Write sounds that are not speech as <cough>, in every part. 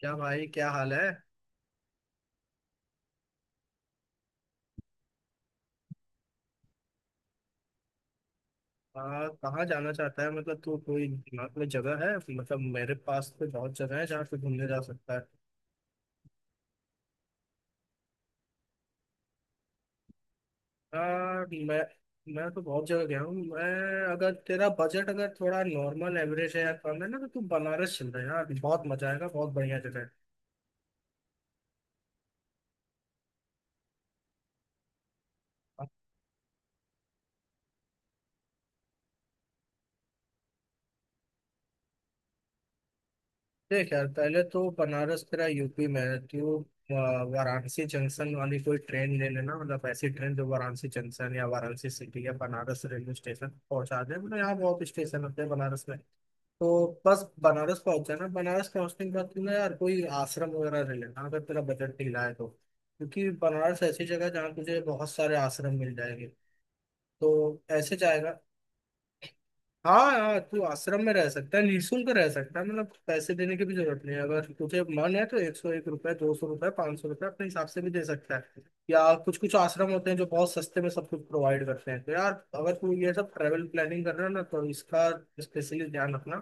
क्या भाई, क्या हाल है। कहाँ जाना चाहता है? मतलब तू कोई दिमाग में जगह है? मतलब मेरे पास तो बहुत जगह है जहाँ पे घूमने जा सकता है। आ, मैं तो बहुत जगह गया हूँ मैं। अगर तेरा बजट अगर थोड़ा नॉर्मल एवरेज है या कम है ना, तो तू बनारस चल रहा है यार, बहुत मजा आएगा, बहुत बढ़िया जगह है। देख यार, पहले तो बनारस तेरा यूपी में है, तो वाराणसी जंक्शन वाली कोई ट्रेन ले लेना, मतलब ऐसी ट्रेन जो वाराणसी जंक्शन या वाराणसी सिटी या बनारस रेलवे स्टेशन पहुंचा दे। मतलब यहाँ बहुत स्टेशन होते हैं बनारस में। तो बस बनारस पहुंच जाना। बनारस पहुंचने के बाद तुमने यार कोई आश्रम वगैरह ले लेना, अगर तेरा बजट ढीला है तो, क्योंकि बनारस ऐसी जगह है जहाँ तुझे बहुत सारे आश्रम मिल जाएंगे। तो ऐसे जाएगा। हाँ यार, तू आश्रम में रह सकता है, निःशुल्क रह सकता है, मतलब पैसे देने की भी जरूरत नहीं है। अगर तुझे मन है तो 101 रुपए, 200 रुपए, 500 रुपए अपने हिसाब से भी दे सकता है। या कुछ कुछ आश्रम होते हैं जो बहुत सस्ते में सब कुछ प्रोवाइड करते हैं। तो यार, अगर तू ये सब ट्रैवल प्लानिंग कर रहा है ना, तो इसका स्पेशली ध्यान रखना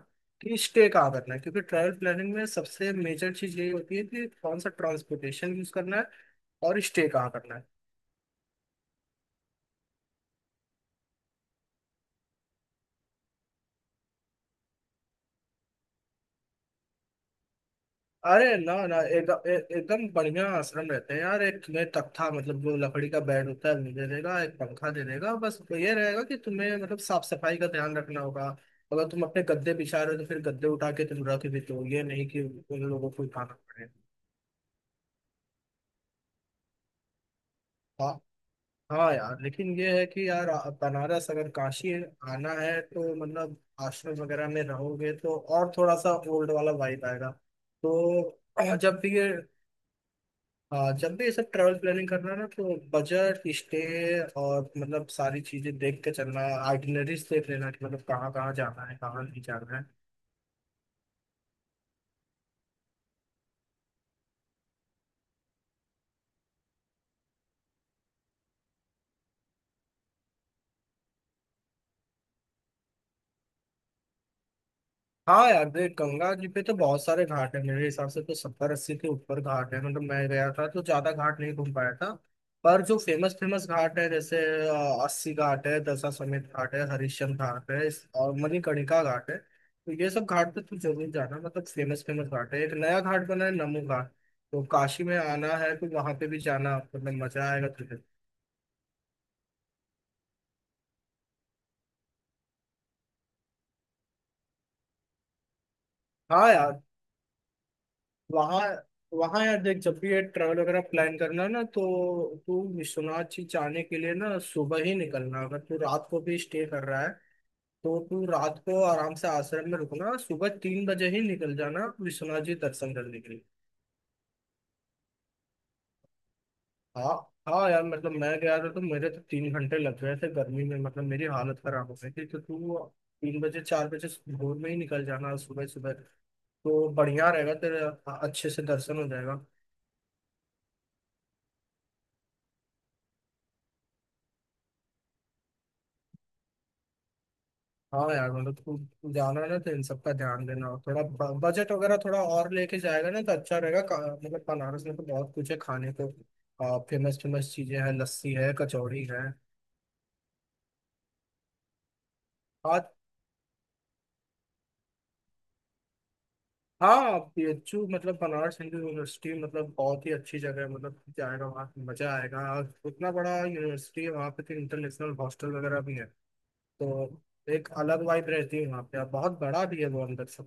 कि स्टे कहाँ करना है, क्योंकि ट्रैवल प्लानिंग में सबसे मेजर चीज यही होती है कि कौन सा ट्रांसपोर्टेशन यूज करना है और स्टे कहाँ करना है। अरे ना ना, एकदम एकदम बढ़िया आश्रम रहते हैं यार। एक तुम्हें तख्ता, मतलब जो लकड़ी का बेड होता है वो दे देगा, एक पंखा दे देगा, बस। तो ये रहेगा कि तुम्हें मतलब साफ सफाई का ध्यान रखना होगा। अगर तुम अपने गद्दे बिछा रहे हो तो फिर गद्दे उठा के तुम रख भी दो, ये नहीं कि उन लोगों को उठाना पड़े। हाँ। हाँ यार, लेकिन ये है कि यार बनारस, अगर काशी आना है तो मतलब आश्रम वगैरह में रहोगे तो और थोड़ा सा ओल्ड वाला वाइब आएगा। तो <clears throat> जब भी ये, हाँ, जब भी ये सब ट्रैवल प्लानिंग करना है ना, तो बजट, स्टे और मतलब सारी चीजें देख के चलना है। आइटिनरीज देख लेना कि मतलब कहाँ कहाँ जाना है, कहाँ नहीं जाना है। हाँ यार, देख, गंगा जी पे तो बहुत सारे घाट है। मेरे हिसाब से तो 70-80 के ऊपर घाट है। मतलब मैं गया था तो ज्यादा घाट नहीं घूम पाया था, पर जो फेमस फेमस घाट है जैसे अस्सी घाट है, दशा समेत घाट है, हरिश्चंद्र घाट है, और मणिकर्णिका घाट है, तो ये सब घाट पे तू जरूर जाना। मतलब फेमस फेमस घाट है। एक नया घाट बना है, नमो घाट, तो काशी में आना है तो वहां पे भी जाना, मतलब मजा आएगा तुझे। हाँ यार, वहाँ वहाँ यार देख, जब भी ये ट्रैवल वगैरह प्लान करना ना, तो तू विश्वनाथ जी जाने के लिए ना सुबह ही निकलना। अगर तू रात को भी स्टे कर रहा है तो तू रात को आराम से आश्रम में रुकना, सुबह 3 बजे ही निकल जाना विश्वनाथ जी दर्शन करने के लिए। हाँ। हाँ यार, मतलब मैं गया था तो मेरे तो 3 घंटे लग गए थे गर्मी में, मतलब मेरी हालत खराब हो गई थी। तो तू 3 बजे 4 बजे भोर में ही निकल जाना, सुबह सुबह, तो बढ़िया रहेगा तेरे, अच्छे से दर्शन हो जाएगा। हाँ यार, मतलब तू जाना ना तो इन सब का ध्यान देना, और थोड़ा बजट वगैरह थोड़ा और लेके जाएगा ना तो अच्छा रहेगा। मतलब बनारस में तो बहुत कुछ है खाने को, फेमस फेमस चीजें हैं, लस्सी है, कचौड़ी है और। हाँ, बीएचयू मतलब बनारस हिंदू यूनिवर्सिटी, मतलब बहुत ही अच्छी जगह है। मतलब जाएगा वहाँ पे मजा आएगा, और उतना बड़ा यूनिवर्सिटी है वहाँ पे तो इंटरनेशनल हॉस्टल वगैरह भी है। तो एक अलग वाइब रहती है वहाँ पे, और बहुत बड़ा भी है वो अंदर से।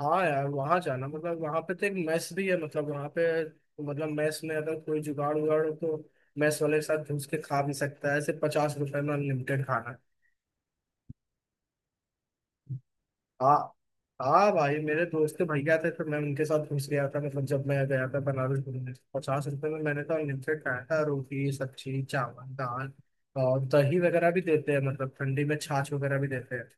हाँ यार, वहाँ जाना मतलब वहाँ पे तो एक मैस भी है। मतलब वहाँ पे तो, मतलब मैस में अगर कोई जुगाड़ उगाड़ हो तो मैस वाले के साथ घुस के खा भी सकता है, सिर्फ 50 रुपए में अनलिमिटेड खाना। हाँ। हाँ भाई, मेरे दोस्त के भैया थे तो मैं उनके साथ घुस गया था। मतलब जब मैं गया था बनारस घूमने तो 50 रुपए में मैंने तो अनलिमिटेड खाया था, रोटी, सब्जी, चावल, दाल और दही वगैरह भी देते हैं, मतलब ठंडी में छाछ वगैरह भी देते हैं।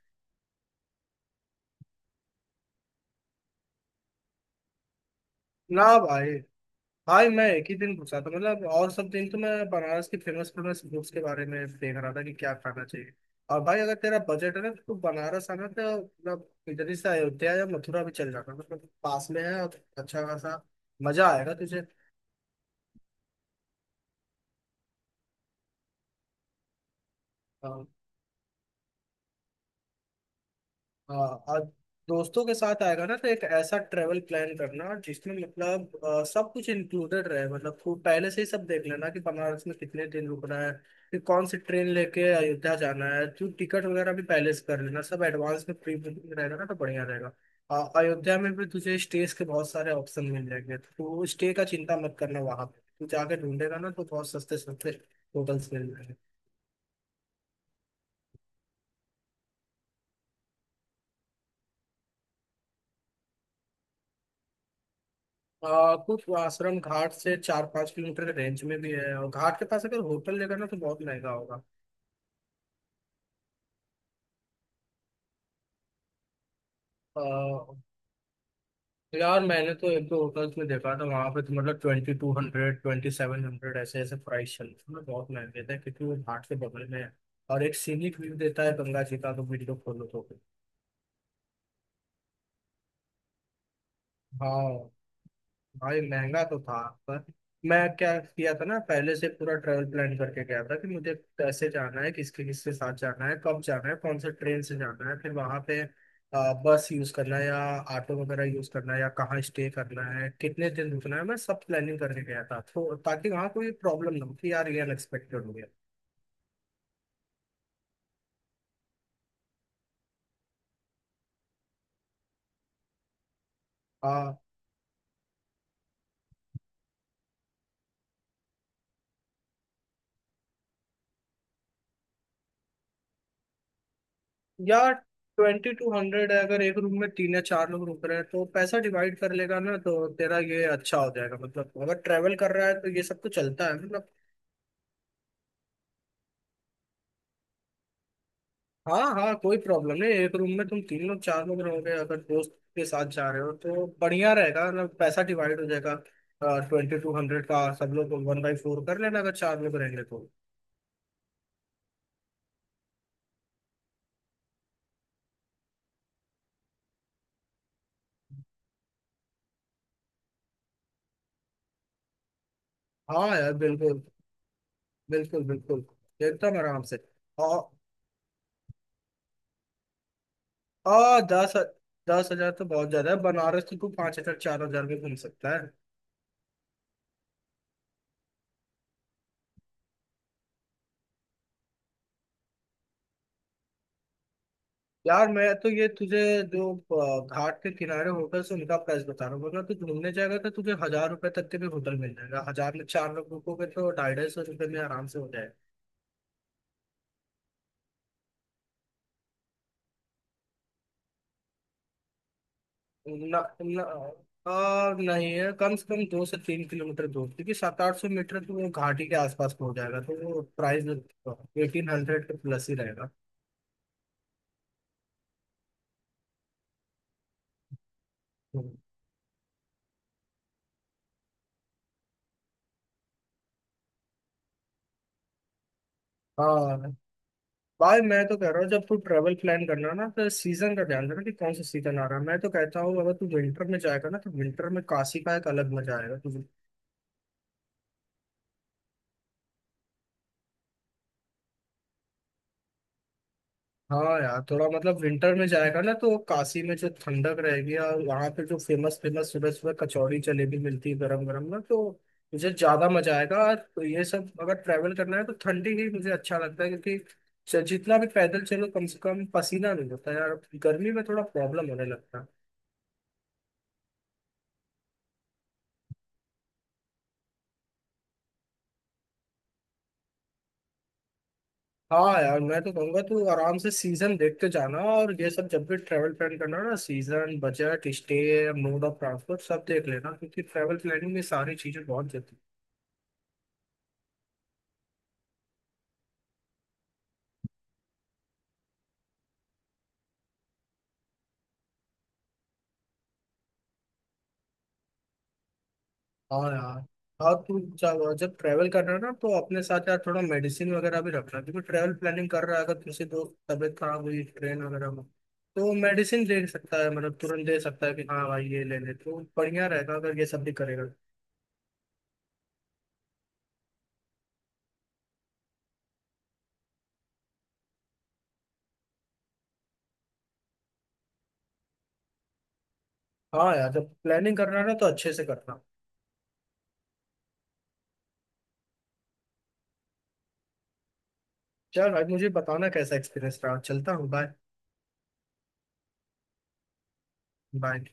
ना भाई। हाँ, मैं एक ही दिन पूछा था, मतलब और सब दिन तो मैं बनारस की फेमस फेमस फूड्स के बारे में देख रहा था कि क्या खाना चाहिए। और भाई, अगर तेरा बजट है ना तो बनारस आना तो मतलब इधर ही से अयोध्या या मथुरा भी चल जाना, मतलब पास में है और अच्छा खासा मजा आएगा तुझे। हाँ और, दोस्तों के साथ आएगा ना तो एक ऐसा ट्रेवल प्लान करना जिसमें मतलब सब कुछ इंक्लूडेड रहे। मतलब खूब पहले से ही सब देख लेना कि बनारस में कितने दिन रुकना है, फिर कौन सी ट्रेन लेके अयोध्या जाना है, तो टिकट वगैरह भी पहले से कर लेना, सब एडवांस में प्री बुकिंग रहेगा ना तो बढ़िया रहेगा। अयोध्या में भी तुझे स्टेज के बहुत सारे ऑप्शन मिल जाएंगे, तो स्टे का चिंता मत करना। वहां पे तू जाके ढूंढेगा ना तो बहुत सस्ते सस्ते होटल्स मिल जाएंगे। कुछ आश्रम घाट से 4-5 किलोमीटर के रेंज में भी है, और घाट के पास अगर होटल लेगा ना तो बहुत महंगा होगा। आ, यार, मैंने तो एक दो होटल्स में देखा था वहाँ पे तो, मतलब 2200, 2700 ऐसे ऐसे प्राइस चल रहे थे। मतलब बहुत महंगे थे क्योंकि वो घाट के बगल में है और एक सीनिक व्यू देता है गंगा जी का, तो वीडियो खोलो तो। हाँ भाई, महंगा तो था पर मैं क्या किया था ना, पहले से पूरा ट्रेवल प्लान करके गया था कि मुझे कैसे जाना है, किसके किसके साथ जाना है, कब जाना है, कौन से ट्रेन से जाना है, फिर वहां पे बस यूज करना है या ऑटो वगैरह यूज करना है, या कहाँ स्टे करना है, कितने दिन रुकना है, मैं सब प्लानिंग करके गया था, तो ताकि वहाँ कोई प्रॉब्लम ना हो कि यार ये अनएक्सपेक्टेड हो गया। यार, 2200 है, अगर एक रूम में 3 या 4 लोग रुक रहे हैं तो पैसा डिवाइड कर लेगा ना तो तेरा ये अच्छा हो जाएगा। मतलब अगर ट्रेवल कर रहा है तो ये सब तो चलता है मतलब। हाँ हाँ, कोई प्रॉब्लम नहीं, एक रूम में तुम 3 लोग 4 लोग रहोगे, अगर दोस्त के साथ जा रहे हो तो बढ़िया रहेगा, मतलब पैसा डिवाइड हो जाएगा। ट्वेंटी टू हंड्रेड का सब लोग 1/4 कर लेना अगर 4 लोग रहेंगे तो। हाँ यार, बिल्कुल, बिल्कुल बिल्कुल, एकदम आराम से। और आ दस 10,000 तो बहुत ज्यादा है, बनारस तो तू 5000, 4000 में घूम सकता है। यार, मैं तो ये तुझे जो घाट के किनारे होटल से उनका प्राइस बता रहा हूँ, वरना तू घूमने जाएगा तो तुझे 1000 रुपए तक के भी होटल मिल जाएगा। 1000 में 4 लोग रुकोगे तो 250-250 रुपये में आराम से हो जाएगा। ना, ना, आ, नहीं, है कम से कम 2 से 3 किलोमीटर दूर, क्योंकि 700-800 मीटर तो वो घाटी के आसपास पहुंच जाएगा तो वो प्राइस 1800 के प्लस ही रहेगा। हम्म। हाँ भाई, मैं तो कह रहा हूँ, जब तू ट्रेवल प्लान करना ना तो सीजन का ध्यान रखना कि कौन सा सीजन आ रहा है। मैं तो कहता हूँ अगर तू विंटर में जाएगा ना तो विंटर में काशी का एक अलग मजा आएगा तुझे। हाँ यार, थोड़ा मतलब विंटर में जाएगा ना तो काशी में जो ठंडक रहेगी, और वहाँ पे जो फेमस फेमस सुबह सुबह कचौड़ी जलेबी मिलती है गरम गरम ना, तो मुझे ज्यादा मजा आएगा। और तो ये सब अगर ट्रैवल करना है तो ठंडी ही मुझे अच्छा लगता है, क्योंकि जितना भी पैदल चलो कम से कम पसीना नहीं होता यार। गर्मी में थोड़ा प्रॉब्लम होने लगता है। हाँ यार, मैं तो कहूंगा तू आराम से सीजन देखते जाना, और ये सब जब भी ट्रैवल प्लान करना ना, season, budget, stay, mode of transport सब देख लेना, क्योंकि ट्रैवल प्लानिंग में सारी चीजें बहुत जरूरी हैं। हाँ यार, और तू जब जब ट्रैवल कर रहा है ना तो अपने साथ यार थोड़ा मेडिसिन वगैरह भी रखना, क्योंकि ट्रैवल प्लानिंग कर रहा है, अगर किसी दोस्त तबीयत खराब हुई ट्रेन वगैरह में तो मेडिसिन दे सकता है, मतलब तुरंत दे सकता है कि हाँ भाई ये ले ले, तो बढ़िया रहेगा अगर ये सब भी करेगा। हाँ यार, जब प्लानिंग कर रहा है ना तो अच्छे से करना। चल, आज मुझे बताना कैसा एक्सपीरियंस रहा। चलता हूँ, बाय। बाय।